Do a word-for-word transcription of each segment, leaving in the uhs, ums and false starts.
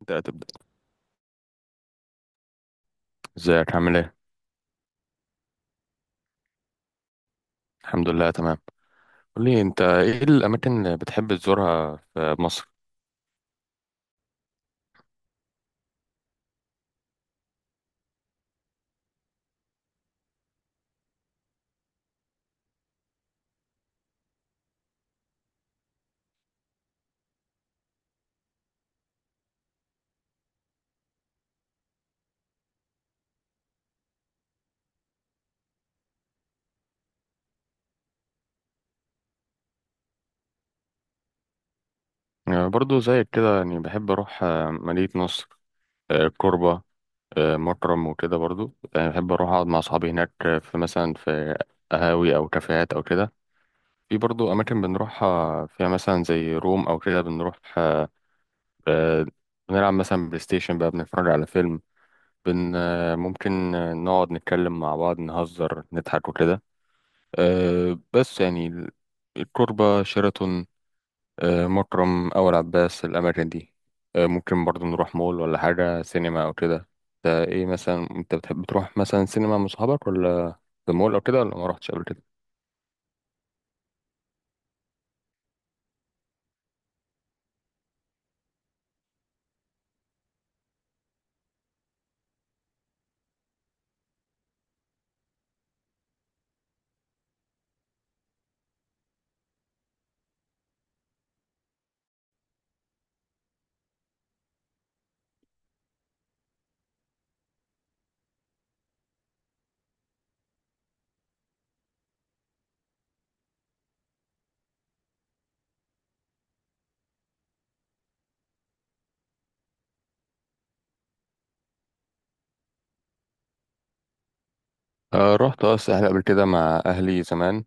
انت هتبدأ. ازيك عامل ايه؟ الحمد لله تمام. قول لي، انت ايه الاماكن اللي بتحب تزورها في مصر؟ يعني برضو زيك كده، يعني بحب اروح آه، مدينة نصر، آه، كوربة، آه، مكرم وكده. برضو يعني بحب اروح اقعد مع اصحابي هناك، آه، في مثلا في قهاوي او كافيهات او كده. في برضو اماكن بنروحها فيها، مثلا زي روم او كده، بنروح آه، آه، بنلعب مثلا بلاي ستيشن بقى، بنتفرج على فيلم، بن آه، ممكن آه، نقعد نتكلم مع بعض، نهزر، نضحك وكده. أه بس يعني ال- الكوربة، شيراتون، أه مكرم، أول عباس، الأماكن دي. أه ممكن برضو نروح مول ولا حاجة، سينما أو كده. ده إيه مثلا، أنت بتحب تروح مثلا سينما مع صحابك، ولا في المول أو كده، ولا ما رحتش قبل كده؟ أه، رحت أه الساحل قبل كده مع أهلي زمان.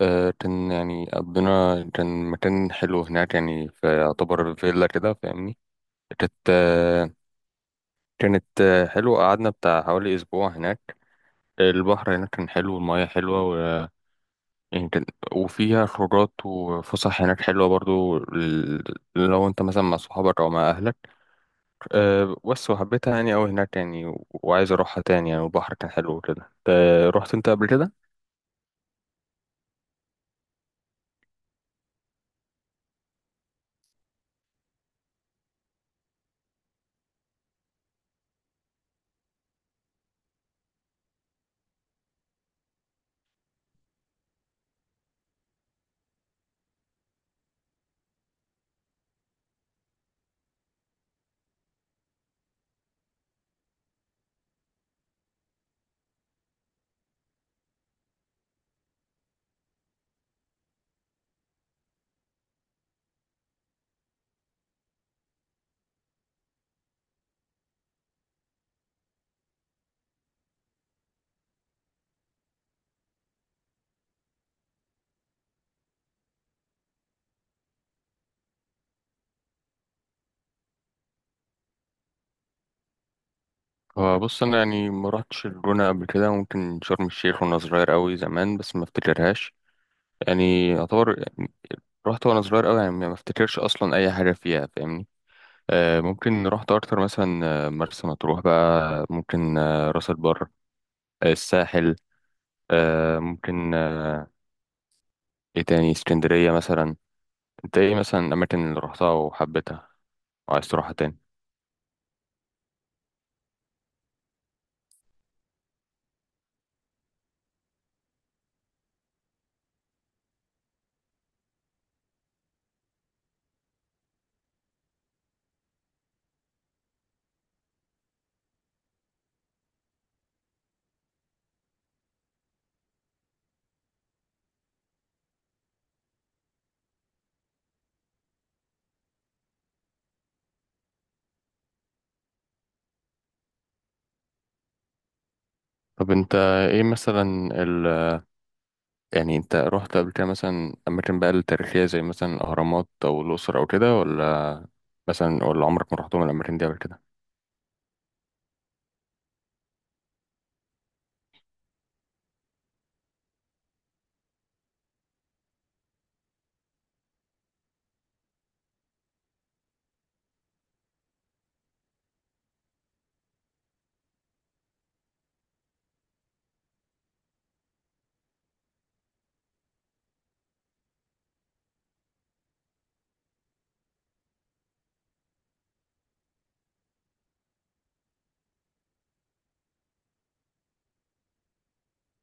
أه كان يعني قضينا، كان مكان حلو هناك، يعني في، يعتبر فيلا كده، فاهمني. كانت آه، كانت آه، حلوة. قعدنا بتاع حوالي أسبوع هناك. البحر هناك كان حلو، والمياه حلوة يمكن. وفيها خروجات وفسح هناك حلوة برضو، ل- لو انت مثلا مع صحابك او مع اهلك. أه بس وحبيتها يعني اوي هناك، يعني و- وعايز اروحها تاني، يعني والبحر كان حلو وكده. انت رحت انت قبل كده؟ هو بص، انا يعني ما رحتش الجونة قبل كده. ممكن شرم الشيخ وانا صغير اوي زمان، بس ما افتكرهاش. يعني يعتبر رحت وانا صغير اوي، يعني ما افتكرش اصلا اي حاجة فيها، فاهمني. أه ممكن رحت اكتر مثلا، آه، مرسى مطروح بقى، ممكن آه، راس البر، آه، الساحل، آه ممكن، آه ايه تاني، اسكندرية مثلا. انت ايه مثلا الأماكن اللي روحتها وحبيتها وعايز تروحها تاني؟ طب انت، ايه مثلا ال يعني، انت رحت قبل كده مثلا أماكن بقى التاريخية زي مثلا الأهرامات أو الأقصر أو كده، ولا مثلا، ولا عمرك ما رحتهم الأماكن دي قبل كده؟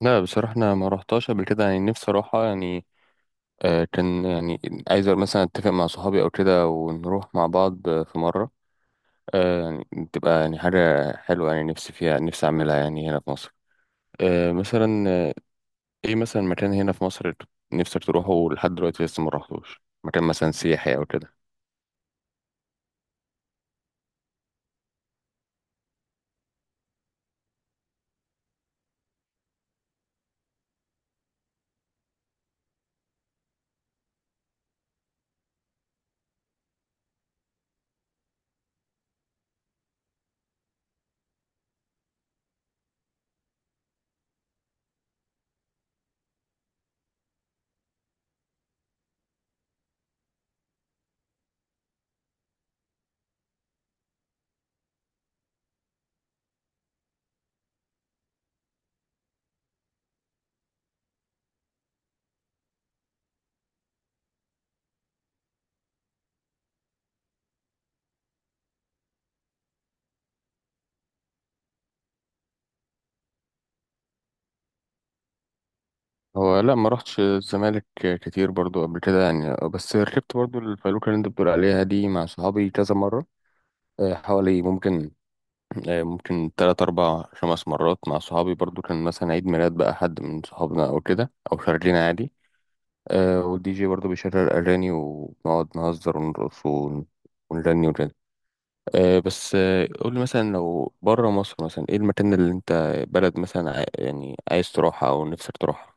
لا بصراحة أنا ما رحتهاش قبل كده، يعني نفسي أروحها يعني. آه كان يعني عايز مثلا أتفق مع صحابي أو كده ونروح مع بعض في مرة. آه يعني تبقى يعني حاجة حلوة، يعني نفسي فيها، نفسي أعملها يعني هنا في مصر، آه، مثلا آه، ايه مثلا مكان هنا في مصر ت- نفسك تروحه لحد دلوقتي، لسه ما رحتوش؟ مكان مثلا سياحي او كده. هو لا، ما رحتش الزمالك كتير برضو قبل كده يعني، آه، بس ركبت برضو الفلوكة اللي انت بتقول عليها دي مع صحابي كذا مرة، آه، حوالي ممكن آه، ممكن تلات أربع خمس مرات مع صحابي. برضو كان مثلا عيد ميلاد بقى حد من صحابنا أو كده، أو خارجين عادي. آه، والدي جي برضو بيشغل أغاني، ونقعد نهزر ونرقص ون- ونغني. آه، بس آه، قول لي مثلا لو بره مصر، مثلا ايه المكان اللي انت، بلد مثلا عاي- يعني عايز تروحها او نفسك تروحها؟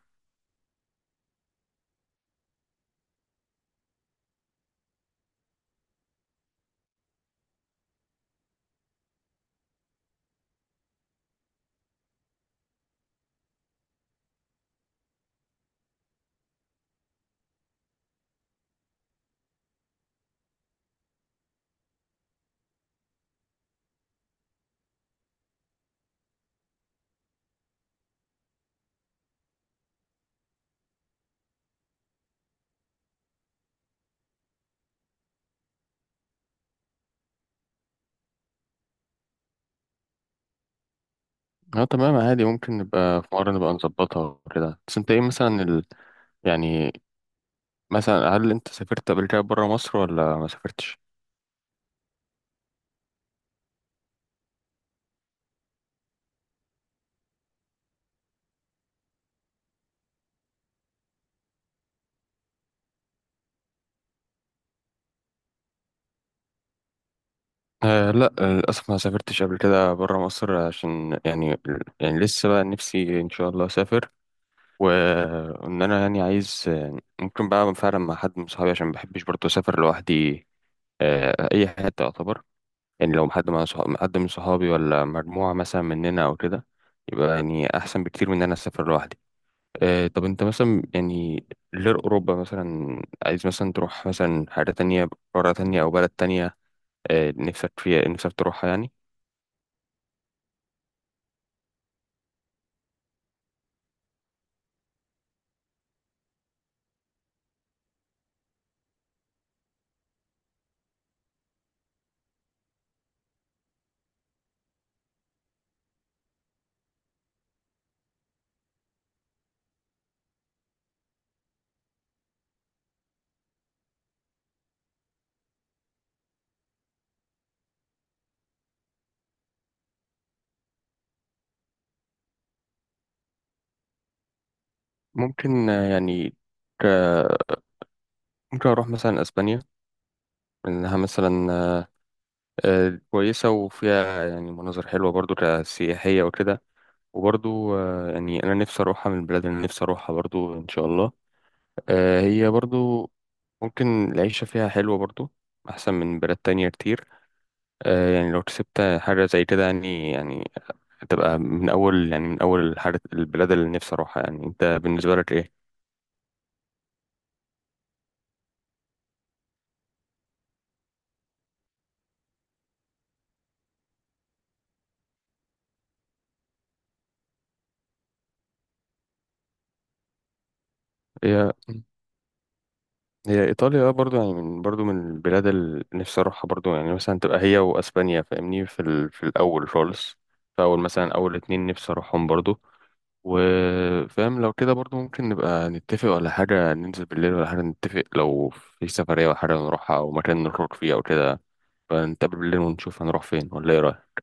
اه تمام عادي، ممكن نبقى في مرة نبقى نظبطها وكده. بس انت، ايه مثلا ال... يعني، مثلا هل انت سافرت قبل كده بره مصر ولا ما سافرتش؟ آه لا للأسف، ما سافرتش قبل كده بره مصر، عشان يعني يعني لسه بقى نفسي إن شاء الله أسافر، وإن أنا يعني عايز، ممكن بقى فعلا مع حد من صحابي، عشان ما بحبش برضه أسافر لوحدي. آه، اي حته يعتبر، يعني لو حد مع صحاب، حد من صحابي ولا مجموعه مثلا مننا او كده، يبقى يعني احسن بكتير من ان انا اسافر لوحدي. آه، طب انت مثلا يعني، غير اوروبا مثلا عايز مثلا تروح مثلا حاجه تانية، قاره تانية او بلد تانية، آه، نفسك فيها، نفسك تروحها يعني؟ ممكن آه، يعني ك... ممكن اروح مثلا اسبانيا، لانها مثلا آه، آه، كويسه، وفيها يعني مناظر حلوه برضو كسياحيه وكده. وبرضو آه، يعني انا نفسي اروحها، من البلاد اللي أنا نفسي اروحها برضو ان شاء الله. آه، هي برضو ممكن العيشة فيها حلوة، برضو احسن من بلاد تانية كتير. آه، يعني لو كسبت حاجة زي كده يعني يعني تبقى من اول يعني من اول الحاجة، البلاد اللي نفسي اروحها. يعني انت بالنسبة لك ايه؟ هي هي ايطاليا آه، برضو يعني من برضو من البلاد اللي نفسي اروحها برضو، يعني مثلا تبقى هي واسبانيا، فاهمني، في ال- في الاول خالص. فاول مثلا، اول اتنين نفسي اروحهم برضو. وفاهم، لو كده برضو ممكن نبقى نتفق ولا حاجة، ننزل بالليل ولا حاجة، نتفق لو في سفرية ولا حاجة نروحها، أو مكان نخرج فيه أو كده. فنتقابل بالليل ونشوف هنروح فين، ولا إيه رأيك؟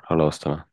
خلاص تمام.